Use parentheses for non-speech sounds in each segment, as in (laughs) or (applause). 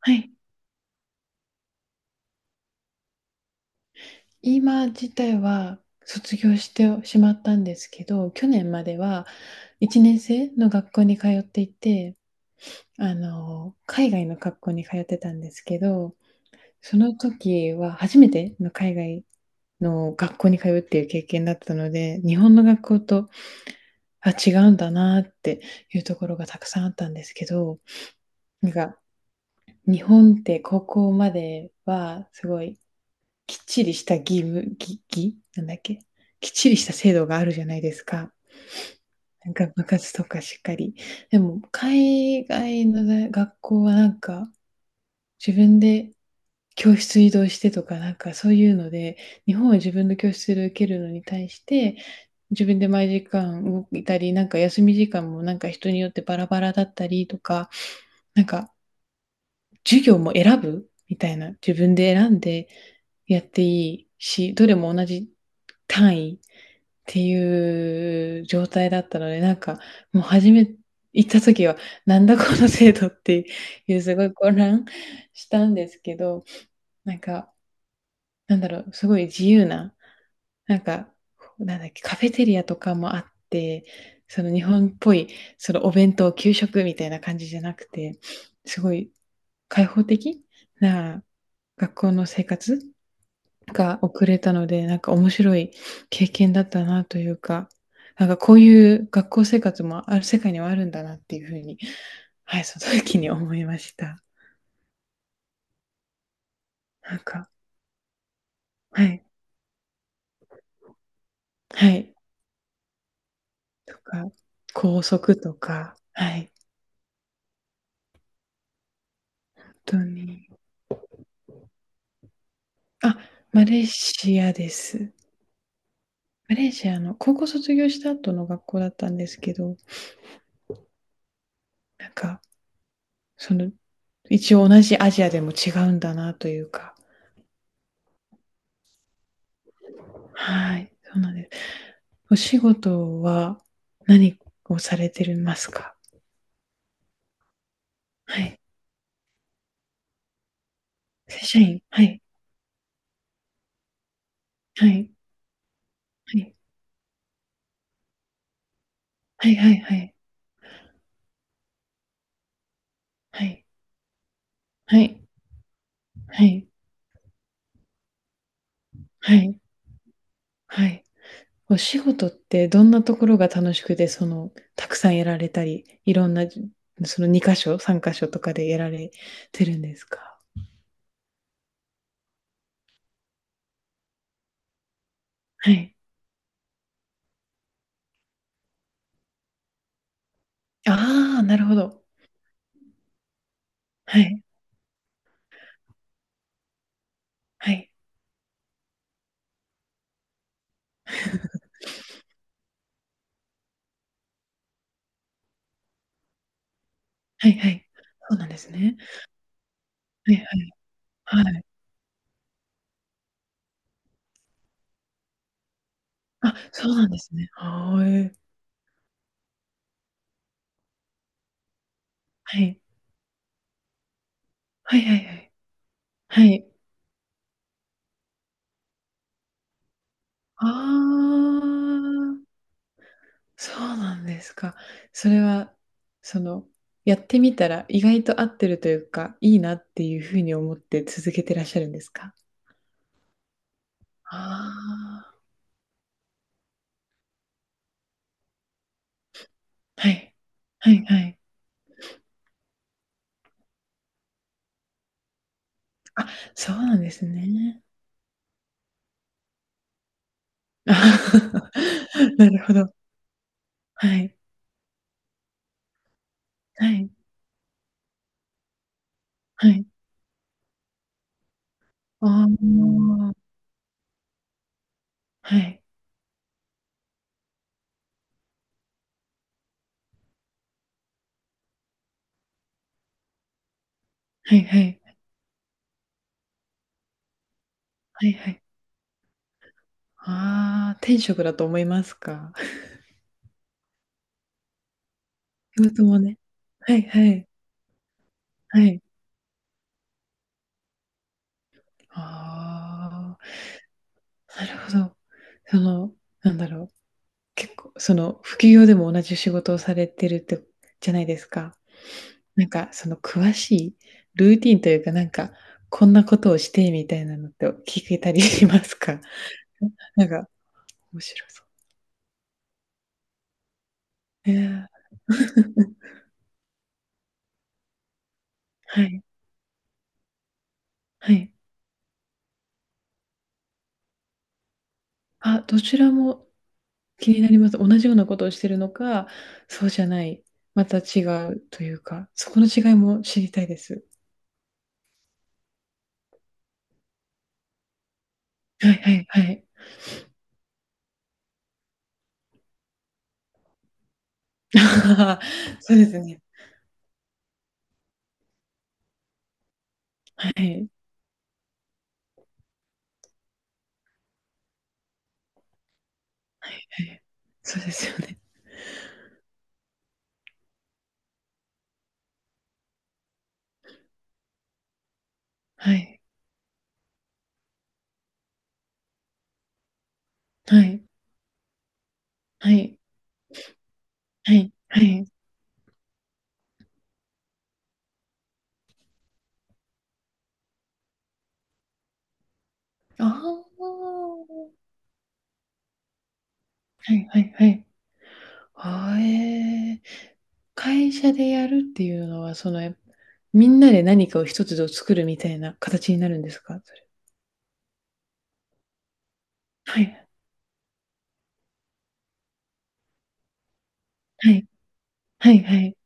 はい。今自体は卒業してしまったんですけど、去年までは1年生の学校に通っていて、あの、海外の学校に通ってたんですけど、その時は初めての海外の学校に通うっていう経験だったので、日本の学校と、あ、違うんだなっていうところがたくさんあったんですけど、なんか日本って高校まではすごいきっちりした義務、義、義なんだっけ、きっちりした制度があるじゃないですか。なんか部活とかしっかり。でも、海外のね学校はなんか、自分で教室移動してとか、なんかそういうので、日本は自分の教室で受けるのに対して、自分で毎時間動いたり、なんか休み時間もなんか人によってバラバラだったりとか、なんか授業も選ぶみたいな、自分で選んでやっていいし、どれも同じ単位っていう状態だったので、なんかもう初め行った時は、なんだこの制度っていうすごい混乱したんですけど、なんか、なんだろう、すごい自由ななんか、なんだっけ、カフェテリアとかもあって、その日本っぽい、そのお弁当、給食みたいな感じじゃなくて、すごい開放的な学校の生活が送れたので、なんか面白い経験だったなというか、なんかこういう学校生活もある世界にはあるんだなっていうふうに、はい、その時に思いました。なんか、はい、はい、とか、校則とか、はい、本当に。あ、マレーシアです。マレーシアの高校卒業した後の学校だったんですけど、なんか、その、一応同じアジアでも違うんだなというか、はい、そうなんです。お仕事は何をされてますか？はい。正社員、はい、はい、はい、はいはいはい、はい、はい、はい、はい、はい。お仕事ってどんなところが楽しくて、その、たくさんやられたり、いろんな、その2箇所、3箇所とかでやられてるんですか？はい。ああ、なるほど。はい。はい。はいはい。そうなんですね。はいはい。はい。あ、そうなんですね。はーいはいはいはいはい。はい。ああ。そうなんですか。それは、その、やってみたら意外と合ってるというか、いいなっていうふうに思って続けてらっしゃるんですか？ああ、はい。はいはい。あ、そうなんですね。ああ (laughs) なるほど。はい。はい。はい。ああ、はい。はいはい。はいはい。ああ、天職だと思いますか？(laughs) 仕事もね。はいはい。はい。ああ。なるほど。その、なんだろう、結構、その、副業でも同じ仕事をされてるって、じゃないですか。なんか、その、詳しいルーティンというか、なんか、こんなことをしてみたいなのって聞けたりしますか？(laughs) なんか、面白そう。ええ、はい、はい。あ、どちらも気になります。同じようなことをしてるのか、そうじゃない、また違うというか、そこの違いも知りたいです。はいはいはい。(laughs) そうですね。はい。ええ、そうですよね。はい。はい。はい。はい。はい。ああ。はいはいはい。ああ、ええ。会社でやるっていうのは、その、え、みんなで何かを一つを作るみたいな形になるんですか？それ。はい。はい。はいはい。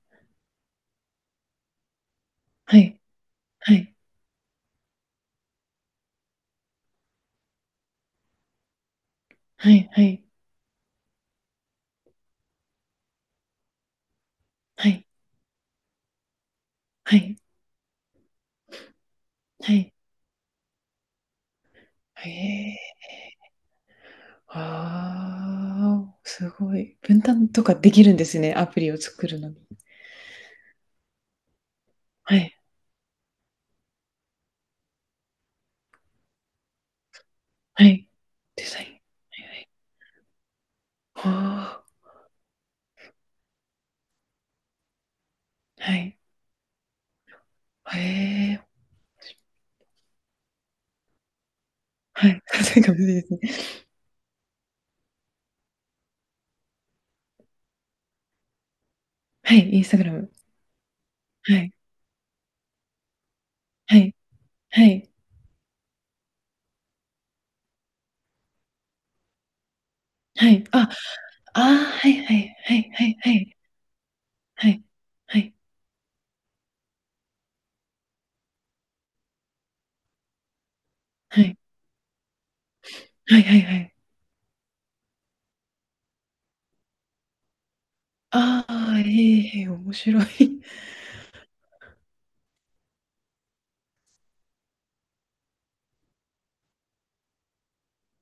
はい。はい。はいはい。はい。はい。はい。へえ。ああ、すごい。分担とかできるんですね、アプリを作るのに。はい。はい。デザイン。はいはい。はあ、はい。へえ、はい。(laughs) そうかいですね。はい、インスタグラム。はい。はい。はい。はい。あ、ああ、はいはいはいはいはい。はい。はい。はい。はいはいはい。ああ、ええ、へえ、面白い。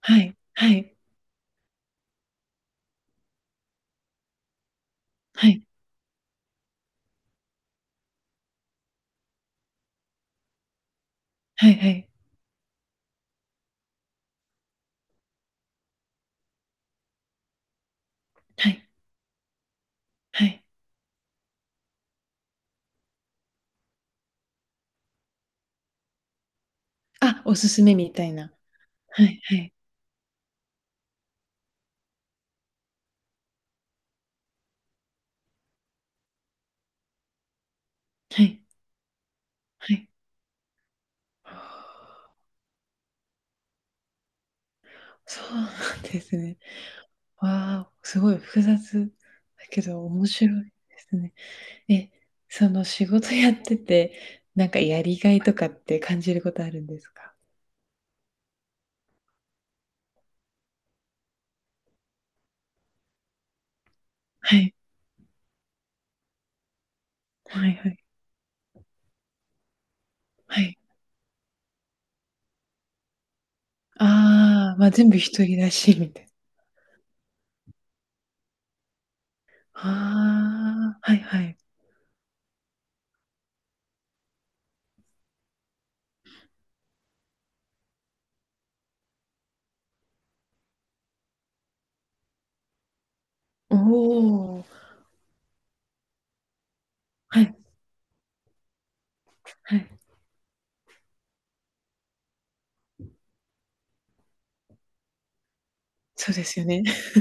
はい。はい。はい。はいはい。はい。はい。あ、おすすめみたいな。はいはい。はい。はい。ああ、そうなんですね。わあ、すごい複雑だけど面白いですね。え、その仕事やってて、なんかやりがいとかって感じることあるんですか？はい。はいはい。はい。ああ、まあ、全部一人だし、みたいな。ああ、はいはい。おお、はいはい。そうですよね。(laughs)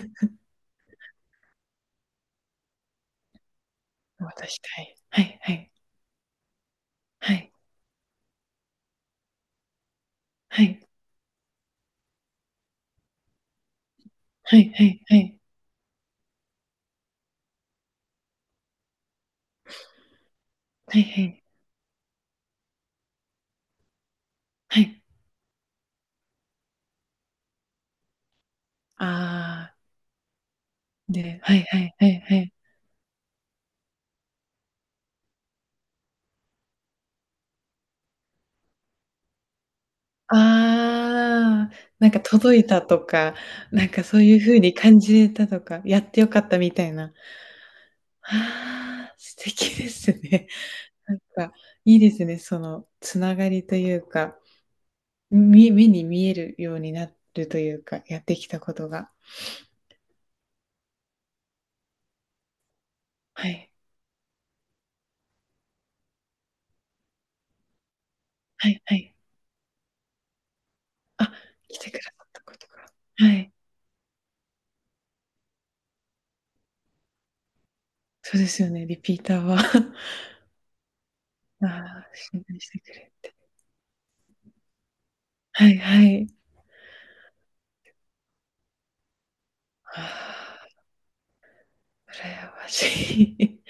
渡したい。はいはい。はいはいはいはいはい。はいはい。はい。ああ、で、はいはいはいはい。ああ、なんか届いたとか、なんかそういう風に感じれたとか、やってよかったみたいな。ああ、素敵ですね。(laughs) なんかいいですね、そのつながりというか、み目に見えるようになるというか、やってきたことが。はい。はいはい。あ、来てくださったことか。はい。そうですよね、リピーターは。(laughs) ああ、信頼してくれて。はいはい。ああ、羨ましい。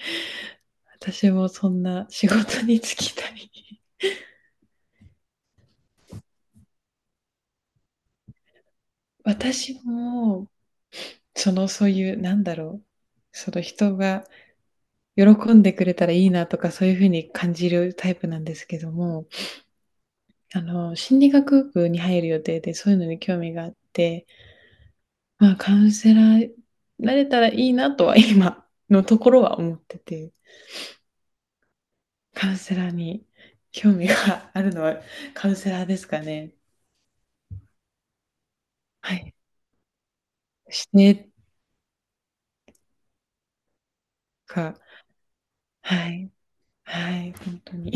私もそんな仕事に就きたい。(laughs) 私も、そのそういう、なんだろう、その人が喜んでくれたらいいなとかそういうふうに感じるタイプなんですけども、あの、心理学部に入る予定でそういうのに興味があって、まあカウンセラーなれたらいいなとは今のところは思ってて、カウンセラーに興味があるのはカウンセラーですかね。はい。してか、はい。はい。本当に。